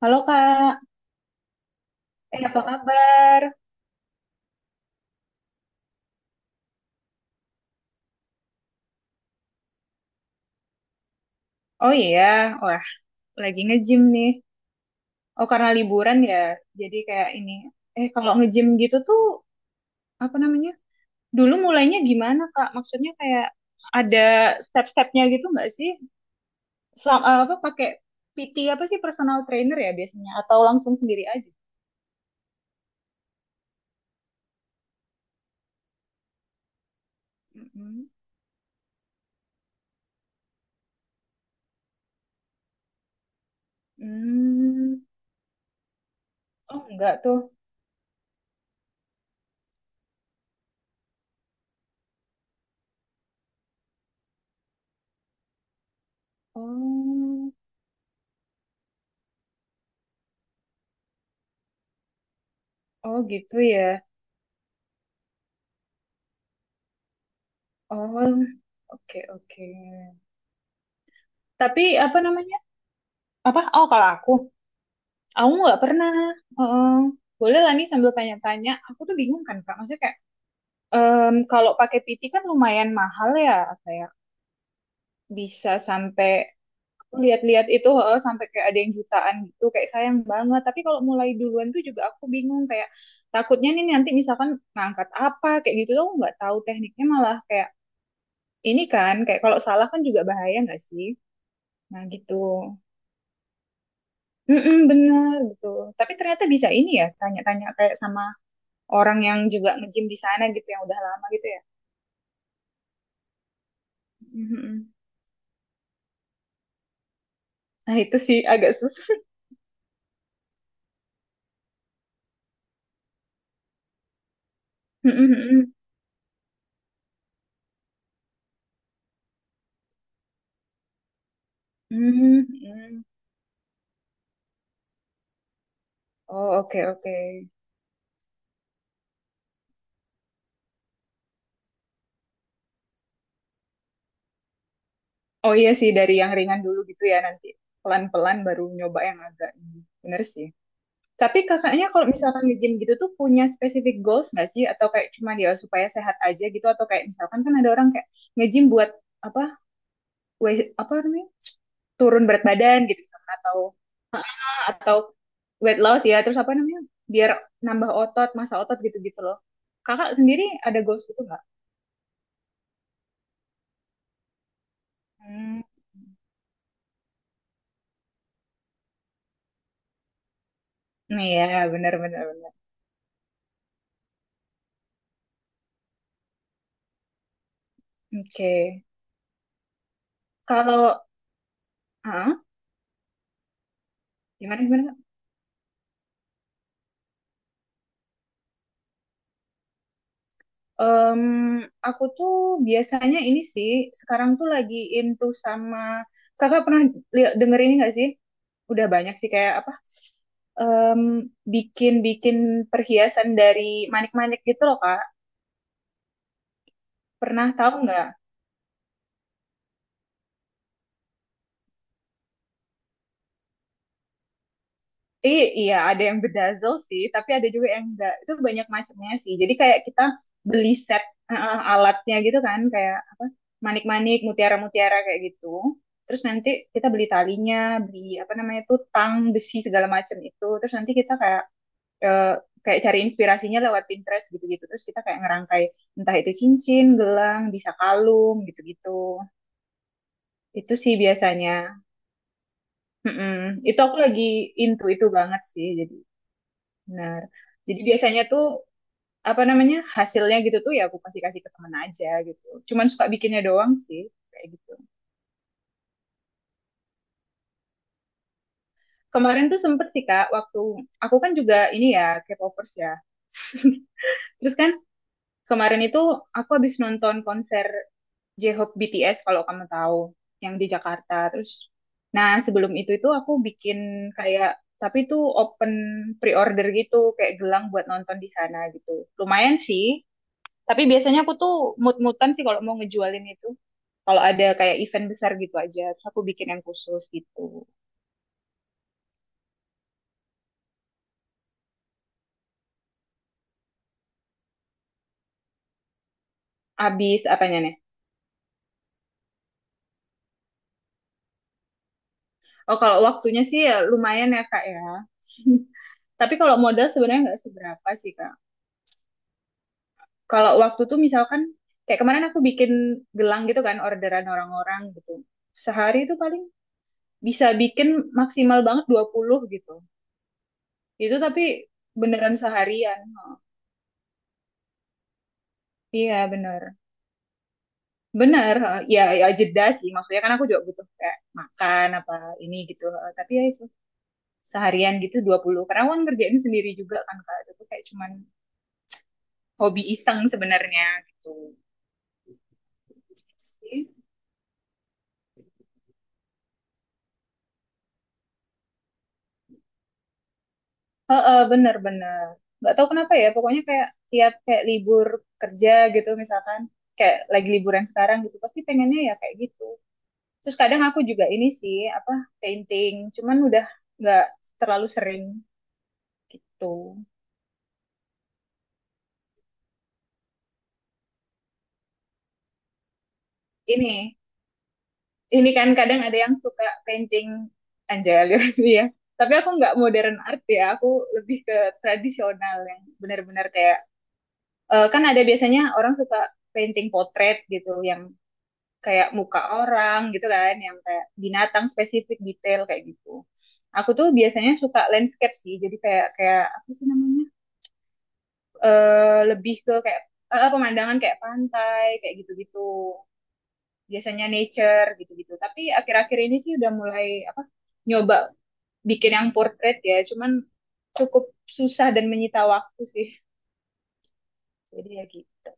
Halo Kak, apa kabar? Oh iya, wah lagi nge-gym nih. Oh karena liburan ya, jadi kayak ini. Kalau nge-gym gitu tuh apa namanya? Dulu mulainya gimana Kak? Maksudnya kayak ada step-stepnya gitu nggak sih? Apa pakai PT apa sih, personal trainer ya biasanya? Atau langsung sendiri aja? Mm-mm. Hmm. Oh enggak tuh. Oh, oh gitu ya. Oh, oke, oke. Tapi apa namanya? Apa, oh, kalau aku nggak pernah. Heeh. Boleh lah nih, sambil tanya-tanya. Aku tuh bingung kan Kak, maksudnya kayak kalau pakai PT kan lumayan mahal ya, kayak bisa sampai, aku lihat-lihat itu, heeh, sampai kayak ada yang jutaan gitu, kayak sayang banget. Tapi kalau mulai duluan tuh juga aku bingung kayak, takutnya nih nanti misalkan ngangkat apa kayak gitu tuh aku nggak tahu tekniknya, malah kayak ini kan kayak kalau salah kan juga bahaya nggak sih. Nah gitu. Bener gitu. Tapi ternyata bisa ini ya, tanya-tanya kayak sama orang yang juga nge-gym di sana gitu, yang udah lama gitu ya. Mhm. Nah, itu sih agak susah. Mhm, mhm. Mhm, mhm. Oh, oke, oke. Oh iya sih, dari yang ringan dulu gitu ya, nanti pelan-pelan baru nyoba yang agak ini. Bener sih. Tapi kakaknya kalau misalkan nge-gym gitu tuh punya specific goals nggak sih? Atau kayak cuma dia supaya sehat aja gitu? Atau kayak misalkan kan ada orang kayak nge-gym buat apa? Weight, apa namanya, turun berat badan gitu misalkan, atau atau weight loss ya, terus apa namanya, biar nambah otot, masa otot, gitu-gitu loh. Kakak sendiri ada goals gitu nggak? Hmm. Nah ya, benar-benar. Benar, benar. Oke. Kalau ah gimana, gimana? Em, aku tuh biasanya ini sih, sekarang tuh lagi into sama, kakak pernah lihat, denger ini nggak sih? Udah banyak sih, kayak apa, em, bikin bikin perhiasan dari manik-manik gitu loh Kak. Pernah tahu nggak? Iya, ada yang bedazzle sih, tapi ada juga yang enggak. Itu banyak macamnya sih. Jadi kayak kita beli set, alatnya gitu kan, kayak apa, manik-manik, mutiara-mutiara kayak gitu. Terus nanti kita beli talinya, beli apa namanya tuh, tang, besi, segala macam itu. Terus nanti kita kayak, eh, kayak cari inspirasinya lewat Pinterest gitu-gitu. Terus kita kayak ngerangkai entah itu cincin, gelang, bisa kalung gitu-gitu. Itu sih biasanya. Mm-mm. Itu aku lagi into itu banget sih. Jadi. Benar. Jadi biasanya tuh apa namanya, hasilnya gitu tuh ya, aku pasti kasih ke teman aja gitu. Cuman suka bikinnya doang sih, kayak gitu. Kemarin tuh sempet sih Kak, waktu aku, kan juga ini ya, K-popers ya. Terus kan kemarin itu aku habis nonton konser J-Hope BTS kalau kamu tahu, yang di Jakarta. Terus nah, sebelum itu aku bikin kayak, tapi itu open pre-order gitu, kayak gelang buat nonton di sana gitu. Lumayan sih. Tapi biasanya aku tuh mut-mutan sih kalau mau ngejualin itu. Kalau ada kayak event besar gitu aja, terus aku bikin yang khusus gitu. Habis apanya nih? Oh, kalau waktunya sih ya lumayan ya, Kak ya. Tapi kalau modal sebenarnya nggak seberapa sih, Kak. Kalau waktu tuh misalkan, kayak kemarin aku bikin gelang gitu kan, orderan orang-orang gitu. Sehari itu paling bisa bikin maksimal banget 20 gitu. Itu tapi beneran seharian. Oh, iya, bener. Benar, heeh. Ya jeda sih. Maksudnya kan aku juga butuh kayak makan apa ini gitu. Heeh. Tapi ya itu, seharian gitu 20, karena aku kan ngerjain sendiri juga kan Kak. Itu kayak cuman hobi iseng sebenarnya gitu. Gitu sih. Heeh, bener-bener. Nggak tahu kenapa ya, pokoknya kayak tiap kayak libur kerja gitu misalkan. Kayak lagi liburan sekarang gitu, pasti pengennya ya kayak gitu. Terus kadang aku juga ini sih, apa, painting. Cuman udah nggak terlalu sering tuh. Ini, kan kadang ada yang suka painting anjali gitu ya. Tapi aku nggak modern art ya, aku lebih ke tradisional yang benar-benar kayak, kan ada biasanya orang suka painting potret gitu, yang kayak muka orang gitu kan, yang kayak binatang spesifik detail kayak gitu. Aku tuh biasanya suka landscape sih, jadi kayak kayak apa sih namanya, lebih ke kayak, pemandangan kayak pantai kayak gitu-gitu, biasanya nature gitu-gitu. Tapi akhir-akhir ini sih udah mulai apa, nyoba bikin yang portrait ya, cuman cukup susah dan menyita waktu sih. Jadi ya gitu.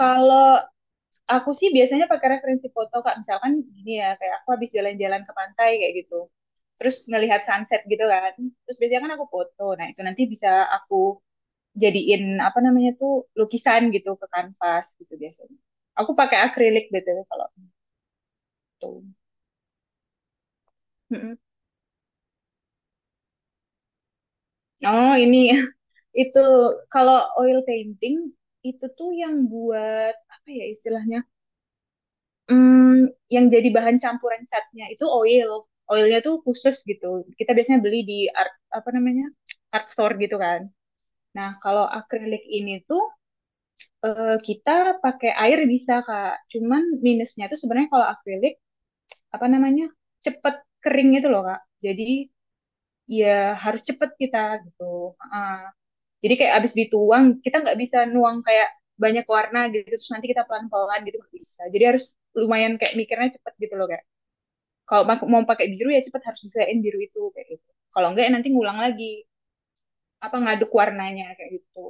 Kalau aku sih biasanya pakai referensi foto Kak, misalkan gini ya, kayak aku habis jalan-jalan ke pantai kayak gitu. Terus ngelihat sunset gitu kan. Terus biasanya kan aku foto. Nah, itu nanti bisa aku jadiin apa namanya tuh, lukisan gitu ke kanvas gitu biasanya. Aku pakai akrilik BTW kalau itu. Mm-mm. Oh, ini. Itu kalau oil painting itu tuh yang buat apa ya istilahnya, hmm, yang jadi bahan campuran catnya itu oil. Oilnya tuh khusus gitu. Kita biasanya beli di art, apa namanya, art store gitu kan. Nah, kalau akrilik ini tuh, kita pakai air bisa Kak. Cuman minusnya tuh sebenarnya kalau akrilik, apa namanya, cepet kering itu loh Kak. Jadi ya harus cepet kita gitu. Heeh. Jadi kayak abis dituang, kita nggak bisa nuang kayak banyak warna gitu, terus nanti kita pelan-pelan gitu, nggak bisa. Jadi harus lumayan kayak, mikirnya cepet gitu loh kayak. Kalau mau pakai biru ya cepet harus bisain biru itu kayak gitu. Kalau enggak ya nanti ngulang lagi apa, ngaduk warnanya kayak gitu.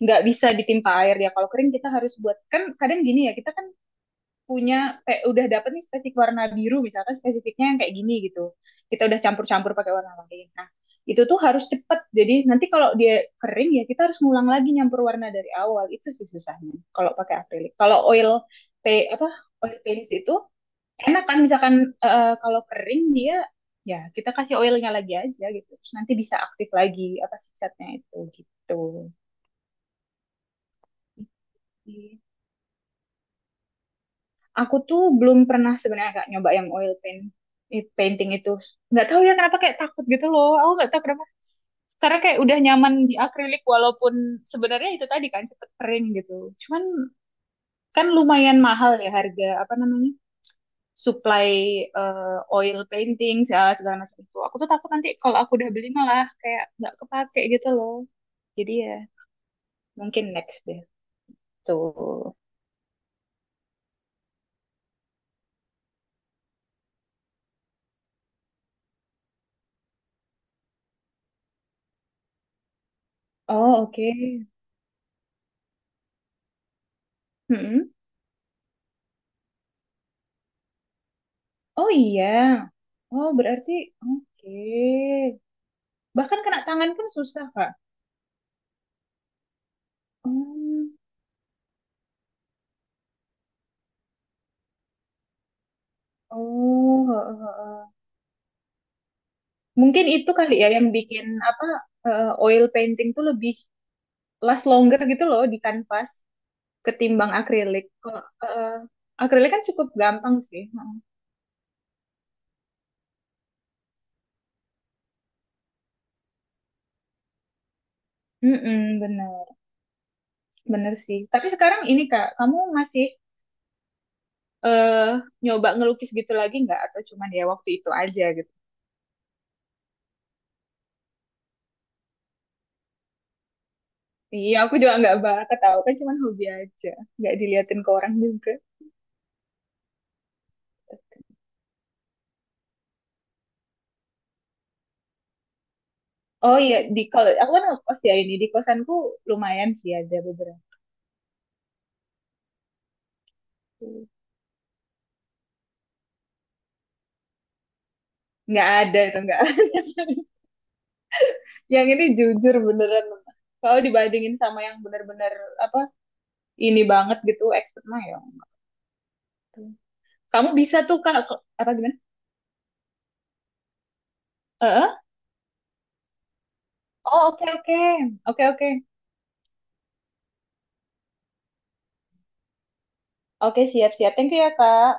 Nggak bisa ditimpa air ya. Kalau kering kita harus buat, kan kadang gini ya, kita kan punya kayak udah dapet nih spesifik warna biru misalkan, spesifiknya yang kayak gini gitu, kita udah campur-campur pakai warna lain, nah itu tuh harus cepet, jadi nanti kalau dia kering ya kita harus ngulang lagi nyampur warna dari awal. Itu sih susahnya kalau pakai akrilik. Kalau oil apa, oil paints itu enak kan, misalkan kalau kering dia, ya kita kasih oilnya lagi aja gitu. Terus nanti bisa aktif lagi apa sih, catnya itu gitu. Aku tuh belum pernah sebenarnya Kak nyoba yang oil paint, painting itu. Nggak tahu ya kenapa, kayak takut gitu loh. Aku nggak tahu kenapa. Karena kayak udah nyaman di akrilik, walaupun sebenarnya itu tadi kan cepet kering gitu. Cuman kan lumayan mahal ya harga, apa namanya, supply, oil painting segala, macam itu. Aku tuh takut nanti kalau aku udah beli malah kayak nggak kepake gitu loh. Jadi ya mungkin next deh. Tuh. Oh, oke. Mm-mm. Oh iya. Oh berarti oke. Bahkan kena tangan pun susah, Kak. Hmm. Oh, heeh, heeh. Mungkin itu kali ya yang bikin apa, oil painting tuh lebih last longer gitu loh di kanvas ketimbang akrilik. Kalau eh, akrilik kan cukup gampang sih. Heeh. Mm-mm, bener, bener sih. Tapi sekarang ini Kak, kamu masih eh nyoba ngelukis gitu lagi nggak? Atau cuman ya waktu itu aja. Iya, aku juga nggak banget, tahu kan, cuman hobi aja, nggak diliatin ke orang juga. Oh iya, kalau aku kan ngekos ya, ini di kosanku lumayan sih, ada beberapa. Nggak ada, itu nggak ada. Yang ini jujur beneran. Kalau dibandingin sama yang bener-bener apa, ini banget gitu, expert mah ya. Kamu bisa tuh Kak, apa gimana? Eh? Oh, oke, oke, oke, oke, oke, siap, siap. Thank you ya Kak.